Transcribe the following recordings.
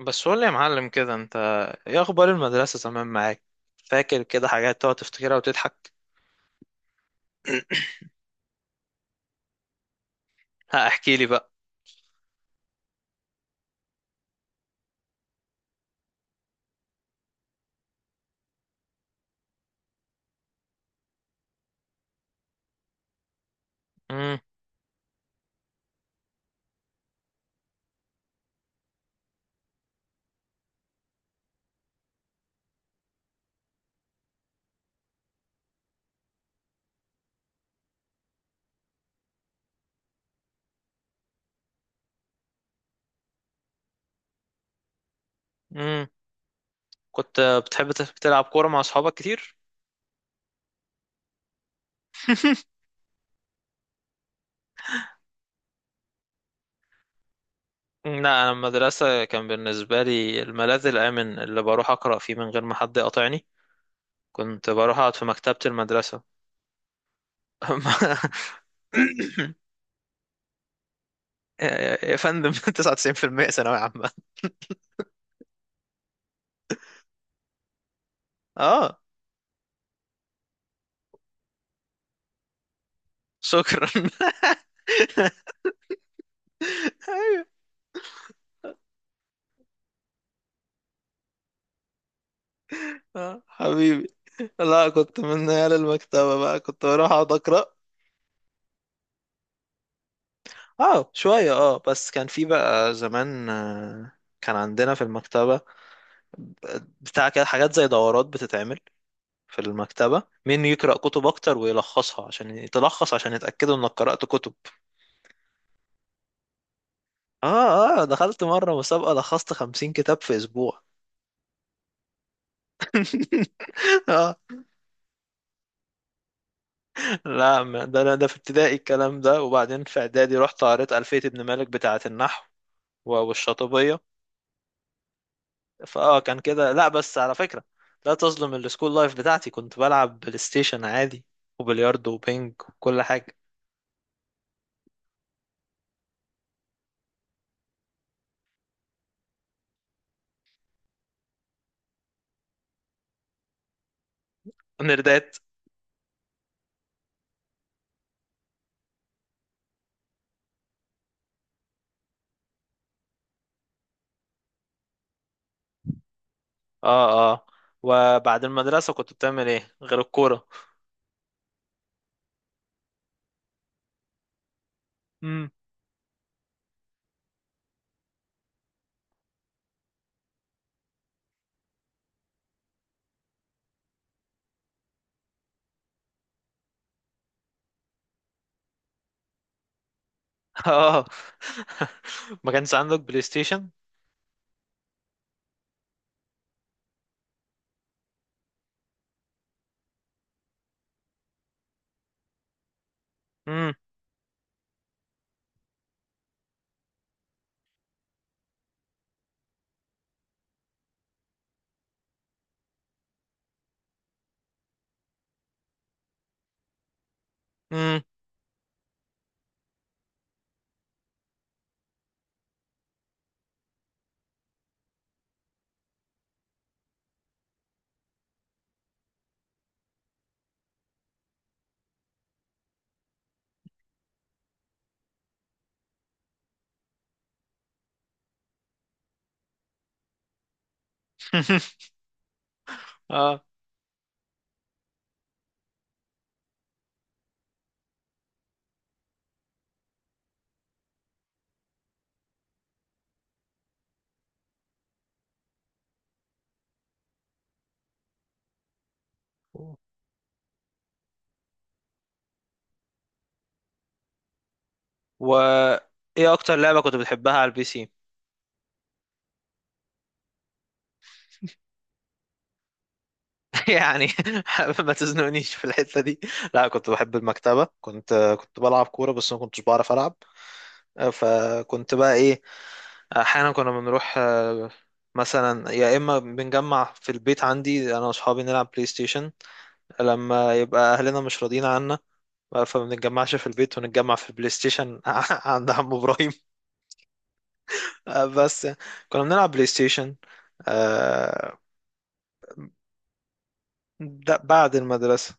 بس قول لي يا معلم كده، انت ايه اخبار المدرسة زمان معاك؟ فاكر كده حاجات تقعد تفتكرها وتضحك؟ ها احكي لي بقى. امم. امم. كنت بتحب تلعب كورة مع اصحابك كتير؟ لا، انا المدرسة كان بالنسبة لي الملاذ الامن اللي بروح اقرأ فيه من غير ما حد يقاطعني. كنت بروح اقعد في مكتبة المدرسة. يا فندم. 99% ثانوية عامة. اه، شكرا. ايوه. آه، حبيبي. لا كنت من عيال المكتبة بقى، كنت بروح اقعد اقرا. اه شوية، اه بس كان في بقى زمان، آه، كان عندنا في المكتبة بتاع كده حاجات زي دورات بتتعمل في المكتبة، مين يقرأ كتب اكتر ويلخصها، عشان تلخص عشان يتأكدوا انك قرأت كتب. اه اه. دخلت مرة مسابقة لخصت 50 كتاب في اسبوع. اه. لا ده انا، ده في ابتدائي الكلام ده، وبعدين في اعدادي رحت قريت ألفية ابن مالك بتاعة النحو والشاطبية. فاه كان كده، لا بس على فكرة، لا تظلم السكول لايف بتاعتي، كنت بلعب بلاي ستيشن عادي، وبلياردو وبينج وكل حاجة. ونردات. اه اه. وبعد المدرسة كنت بتعمل ايه غير الكورة؟ امم. اه. ما كانش عندك بلاي ستيشن؟ امم. امم. اه. و ايه اكتر لعبة كنت بتحبها على البي سي؟ يعني ما تزنقنيش في الحتة دي. لا، كنت بحب المكتبة، كنت بلعب كورة بس ما كنتش بعرف ألعب. فكنت بقى إيه، أحيانا كنا بنروح، آه، مثلا يا إما بنجمع في البيت عندي أنا وأصحابي نلعب بلاي ستيشن لما يبقى أهلنا مش راضيين عنا، فما بنتجمعش في البيت ونتجمع في البلاي ستيشن عند عم إبراهيم. آه، بس كنا بنلعب بلاي ستيشن. آه، ده بعد المدرسة.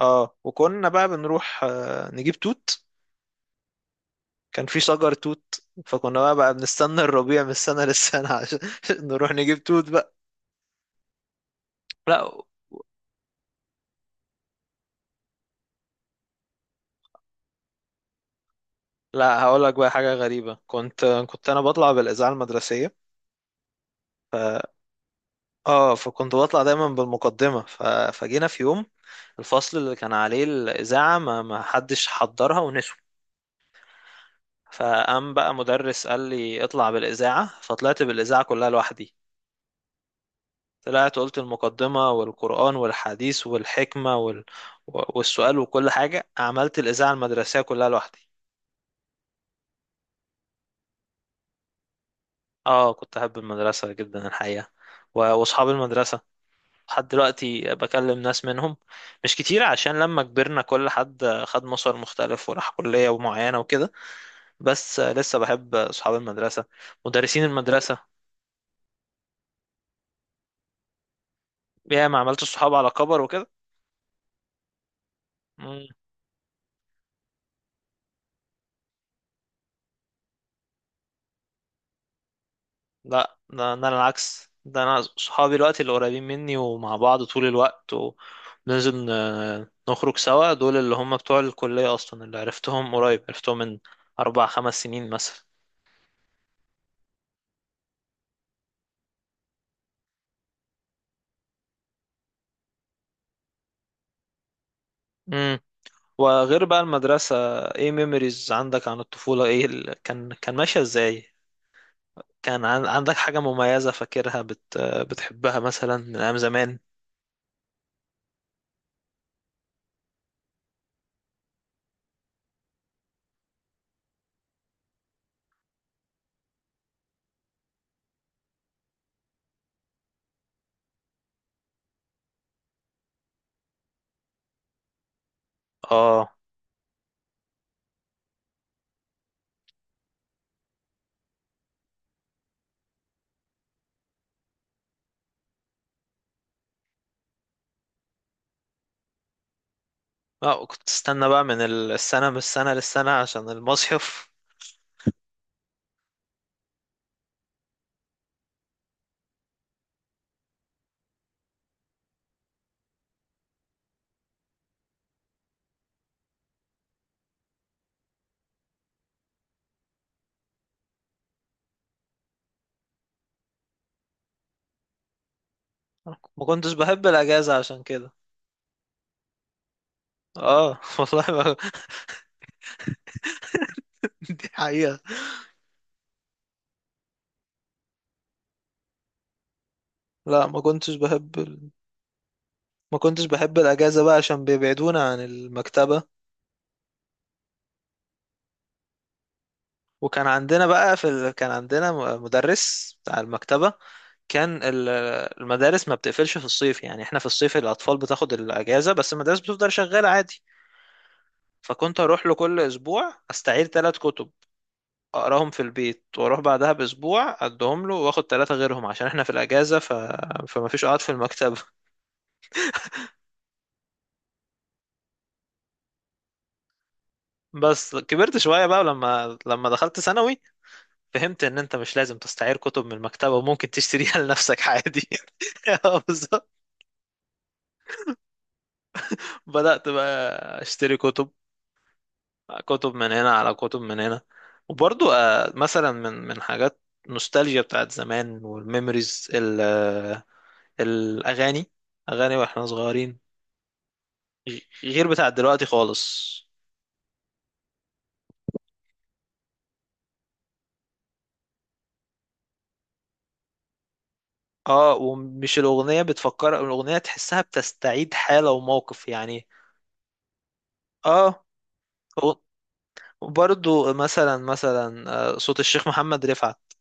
اه وكنا بقى بنروح، آه، نجيب توت. كان في شجر توت. فكنا بقى بنستنى الربيع من السنة للسنة عشان نروح نجيب توت بقى. لا، لا هقول لك بقى حاجة غريبة، كنت انا بطلع بالإذاعة المدرسية. اه فكنت بطلع دايما بالمقدمة، ف... فجينا في يوم الفصل اللي كان عليه الإذاعة ما حدش حضرها ونسوا. فقام بقى مدرس قال لي اطلع بالإذاعة، فطلعت بالإذاعة كلها لوحدي. طلعت قلت المقدمة والقرآن والحديث والحكمة وال... والسؤال وكل حاجة، عملت الإذاعة المدرسية كلها لوحدي. اه كنت أحب المدرسة جدا الحقيقة، وأصحاب المدرسة لحد دلوقتي بكلم ناس منهم، مش كتير عشان لما كبرنا كل حد خد مسار مختلف وراح كلية معينة وكده. بس لسه بحب أصحاب المدرسة، مدرسين المدرسة. يا ما عملت صحاب على كبر وكده. لا، ده انا العكس، ده انا صحابي دلوقتي اللي قريبين مني ومع بعض طول الوقت وبننزل نخرج سوا، دول اللي هم بتوع الكلية اصلا، اللي عرفتهم قريب، عرفتهم من اربع خمس سنين مثلا. امم. وغير بقى المدرسة، ايه ميموريز عندك عن الطفولة؟ ايه، ال... كان ماشية ازاي؟ كان عندك حاجة مميزة فاكرها، بتحبها مثلا من ايام زمان؟ اه اه. كنت تستنى بقى من السنة للسنة عشان المصيف؟ ما كنتش بحب الاجازه عشان كده. اه والله ما... دي حقيقه. لا ما كنتش بحب ال... ما كنتش بحب الاجازه بقى عشان بيبعدونا عن المكتبه. وكان عندنا بقى في ال... كان عندنا مدرس بتاع المكتبه، كان ال- المدارس ما بتقفلش في الصيف، يعني احنا في الصيف الاطفال بتاخد الاجازه بس المدارس بتفضل شغاله عادي، فكنت اروح له كل اسبوع استعير ثلاث كتب، اقراهم في البيت واروح بعدها باسبوع ادهم له واخد ثلاثه غيرهم عشان احنا في الاجازه، ف... فما فيش قعد في المكتبه. بس كبرت شوية بقى لما دخلت ثانوي فهمت ان انت مش لازم تستعير كتب من المكتبة وممكن تشتريها لنفسك عادي. آه، بالظبط. بدأت بقى اشتري كتب، كتب من هنا على كتب من هنا. وبرضو آه، مثلا من حاجات نوستالجيا بتاعت زمان والميموريز، ال- آه، الاغاني، اغاني واحنا صغيرين غير بتاعت دلوقتي خالص. اه، ومش الاغنية بتفكر، الاغنية تحسها بتستعيد حالة وموقف يعني. اه وبرضو مثلا آه، صوت الشيخ محمد رفعت،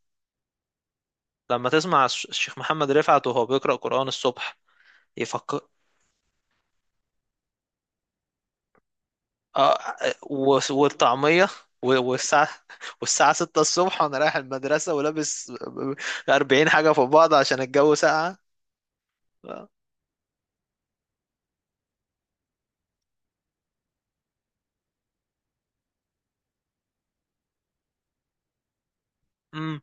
لما تسمع الشيخ محمد رفعت وهو بيقرأ قرآن الصبح يفكر. آه آه، والطعمية والساعة، والساعة 6 الصبح وأنا رايح المدرسة ولابس 40 حاجة في بعض عشان الجو ساقعة. آه، أمم.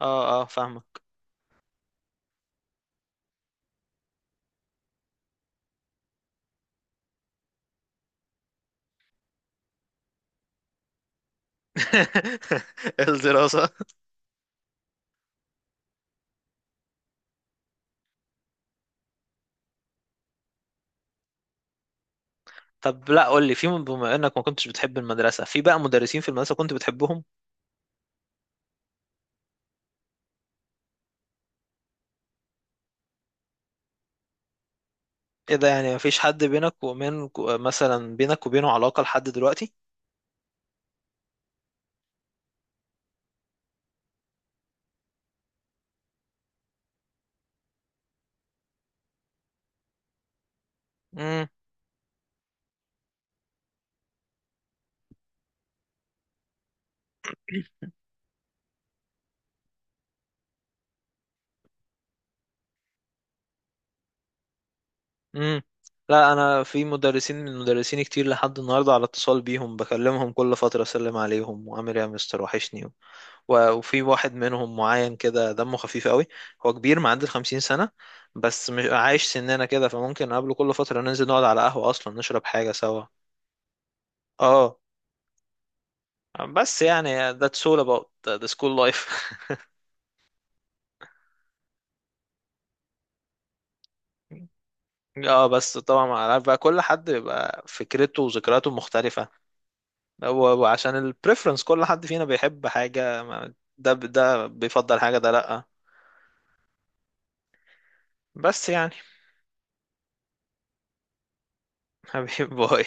اه اه فاهمك. الدراسة. طب لا قول لي، في بما إنك ما كنتش بتحب المدرسة، في بقى مدرسين في المدرسة كنت بتحبهم؟ ايه ده؟ يعني مفيش حد بينك ومن مثلا بينك وبينه علاقة لحد دلوقتي؟ امم. امم. لا انا في مدرسين من مدرسين كتير لحد النهارده على اتصال بيهم، بكلمهم كل فترة اسلم عليهم وعامل ايه يا مستر وحشني. وفي واحد منهم معين كده دمه خفيف قوي، هو كبير، معدي ال 50 سنة، بس مش عايش سننا كده، فممكن نقابله كل فترة ننزل نقعد على قهوة اصلا نشرب حاجة سوا. اه، بس يعني that's all about the school life. اه، بس طبعا ما عارف بقى، كل حد بيبقى فكرته وذكرياته مختلفة. هو عشان البريفرنس كل حد فينا بيحب حاجة، ده بيفضل حاجة، ده لأ. بس يعني، حبيب باي